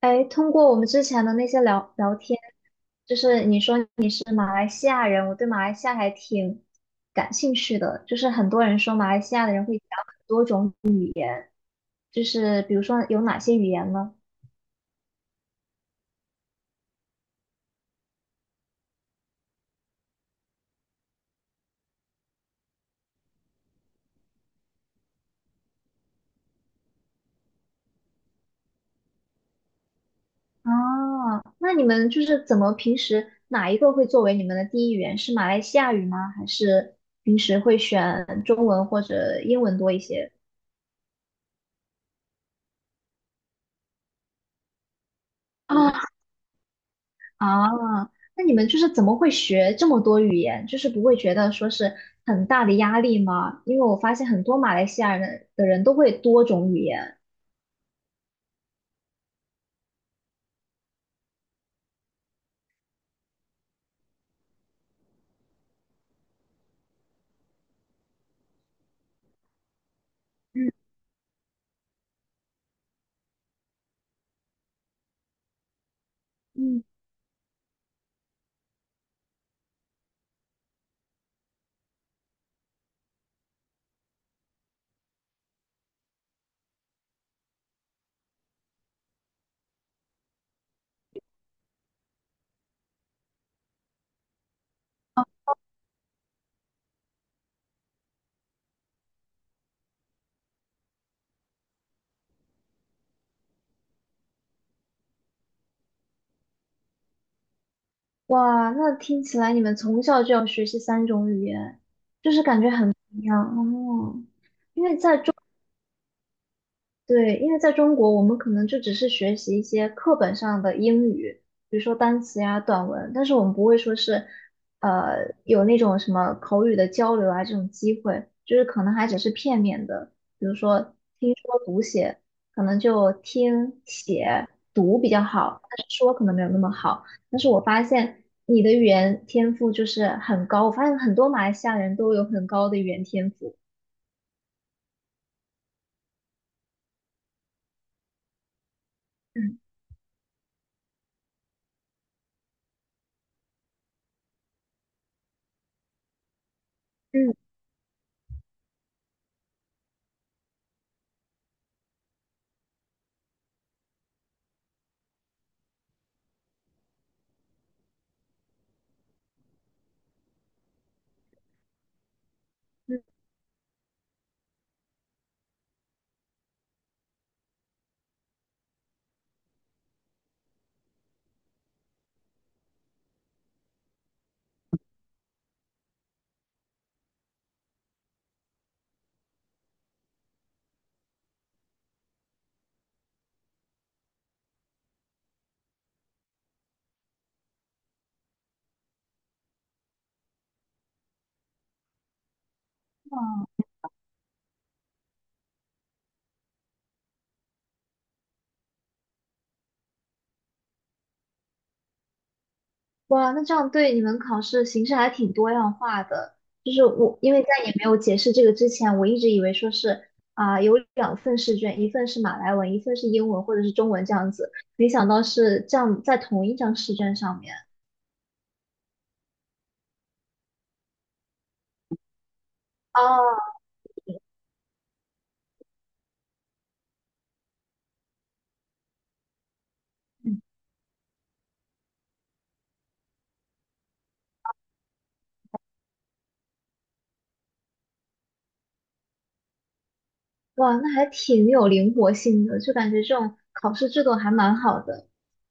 哎，通过我们之前的那些聊天，就是你说你是马来西亚人，我对马来西亚还挺感兴趣的。就是很多人说马来西亚的人会讲很多种，就是比如说有哪些语言呢？啊，那你们就是怎么平时哪一个会作为你们的第一语言？是马来西亚语吗？还是平时会选中文或者英文多一些？啊。啊，那你们就是怎么会学这么多语言？就是不会觉得说是很大的压力吗？因为我发现很多马来西亚人的人都会多种语言。嗯嗯。哇，那听起来你们从小就要学习3种语言一样哦。对，因为在中国，我们可能就只是学习一些课本上的英语，比如说单词呀、短文，但是我们不会说是，有那种什么口语的交流啊这种机会，就是可能还只是片面的，比如说听说读写，可能就听写读比较好，但是说可能没有那么好。但是我发现你的语言天赋就是很高，我发现很多马来西亚人都有很高的语言天赋。嗯嗯哇，那这样对你们考试形式还挺多样化的。就是我，因为在你没有解释这个之前，我一直以为说是啊、有2份试卷，一份是马来文，一份是英文或者是中文这样子，没想到是这样在同一张试卷上面。哦，嗯哇，那还挺有灵活性的，就感觉这种考试制度还蛮好的。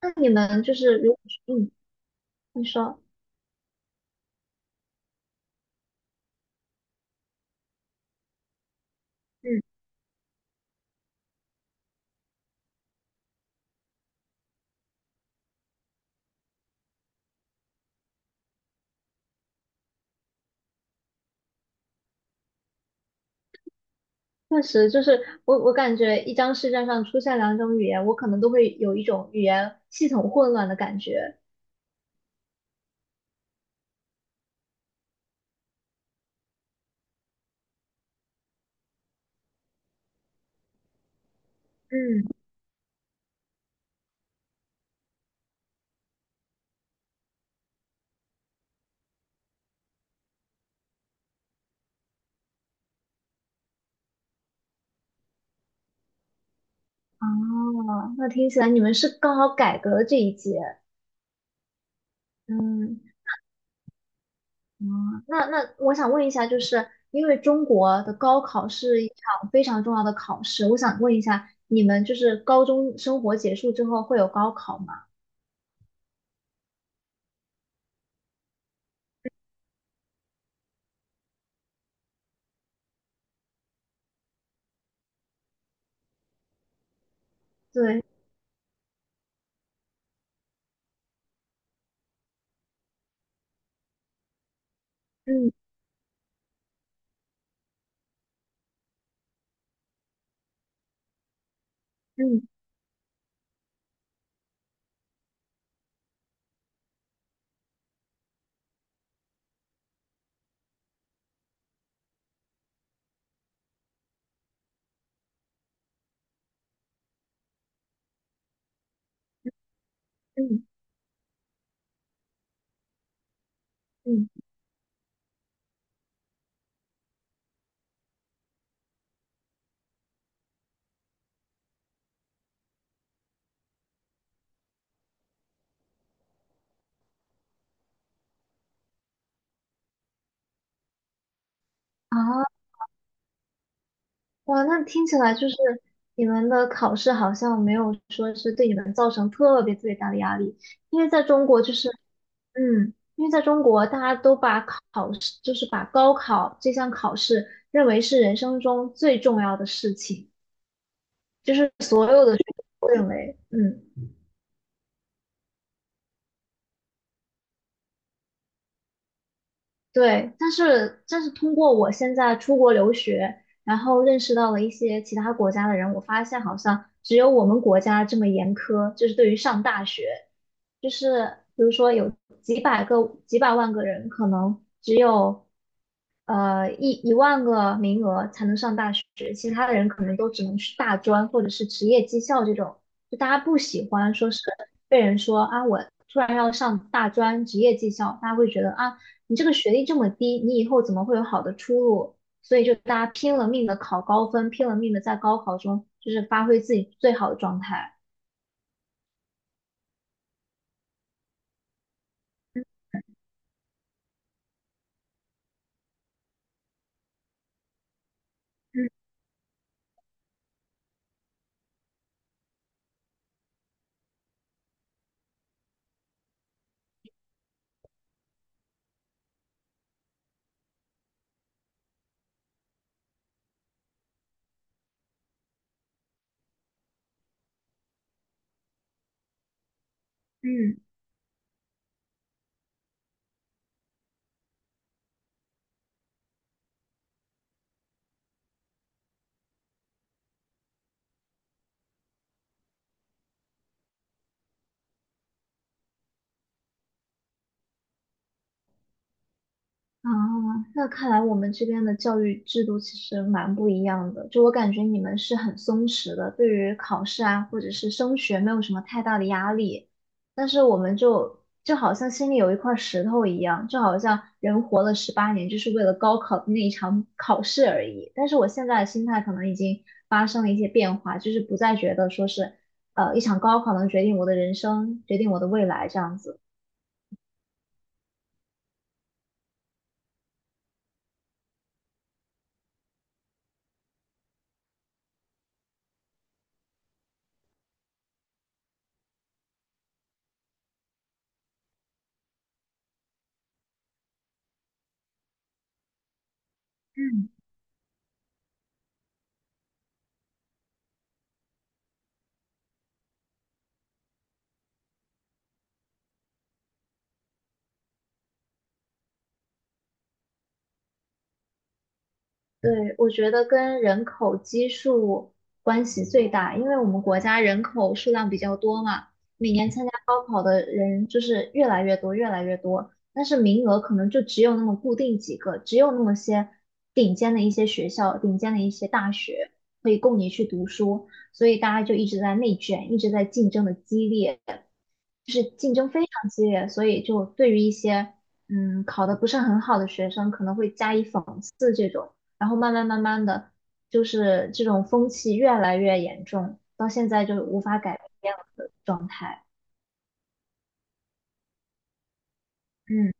那你们就是，如嗯，嗯。你说嗯确实，就是我，我感觉一张试卷上出现2种语言，我可能都会有一种语言系统混乱的感觉。嗯，哦，那听起来你们是刚好改革了这一届。嗯嗯，那我想问一下，就是因为中国的高考是一场非常重要的考试，我想问一下，你们就是高中生活结束之后会有高考吗？对，嗯嗯嗯嗯，啊。哇，那听起来就是你们的考试好像没有说是对你们造成特别特别大的压力，因为在中国就是，嗯，因为在中国大家都把考试，就是把高考这项考试认为是人生中最重要的事情，就是所认为，嗯。对，但是通过我现在出国留学，然后认识到了一些其他国家的人，我发现好像只有我们国家这么严苛，就是对于上大学，就是比如说有几百个、几百万个人，可能只有1万个名额才能上大学，其他的人可能都只能去大专或者是职业技校这种，就大家不喜欢说是被人说啊稳。大专职业技校，大家会觉得啊，你这个学历这么低，你以后怎么会有好的出路？所以就大家拼了命的考高分，拼了命的在高考中就是发挥自己最好的状态。嗯嗯。嗯。啊，那看来我们这边的教育制度其实蛮不一样的。就我感觉你们是很松弛的，对于考试啊或者是升学没有什么太大的压力，但是我们就好像心里有一块石头一样，就好像人活了18年就是为了高考的那一场考试而已。但是我现在的心态可能已经发生了一些变化，就是不再觉得说是一场高考能决定我的人生，决定我的未来这样子。嗯。对，我觉得跟人口基数关系最大，因为我们国家人口数量比较多嘛，每年参加高考的人就是越来越多，越来越多，但是名额可能就只有那么固定几个，只有那么些顶尖的一些学校、顶尖的一些大学可以供你去读书，所以大家就一直在内卷，一直在竞争的激烈。就是竞争非常激烈，所以就对于一些嗯考得不是很好的学生，可能会加以讽刺这种，然后慢慢的，就是这种风气越来越严重，到现在就无法改变了的状态。嗯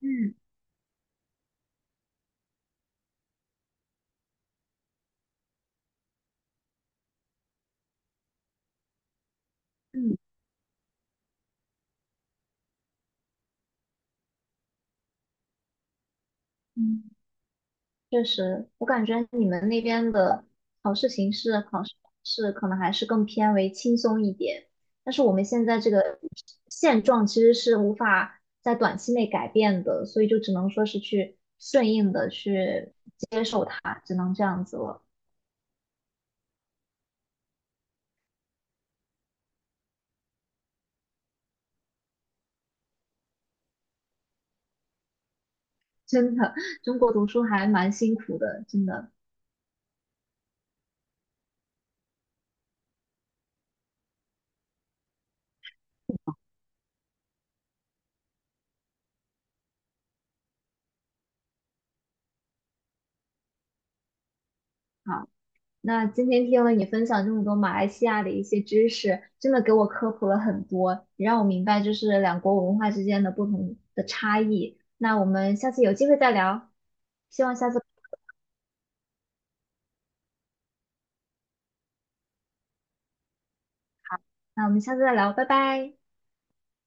嗯嗯嗯。确实，我感觉你们那边的考试形式、考试方式可能还是更偏为轻松一点，但是我们现在这个现状其实是无法在短期内改变的，所以就只能说是去顺应的去接受它，只能这样子了。真的，中国读书还蛮辛苦的，真的。啊。那今天听了你分享这么多马来西亚的一些知识，真的给我科普了很多，也让我明白就是两国文化之间的不同的差异。那我们下次有机会再聊，希望下次，那我们下次再聊，拜拜。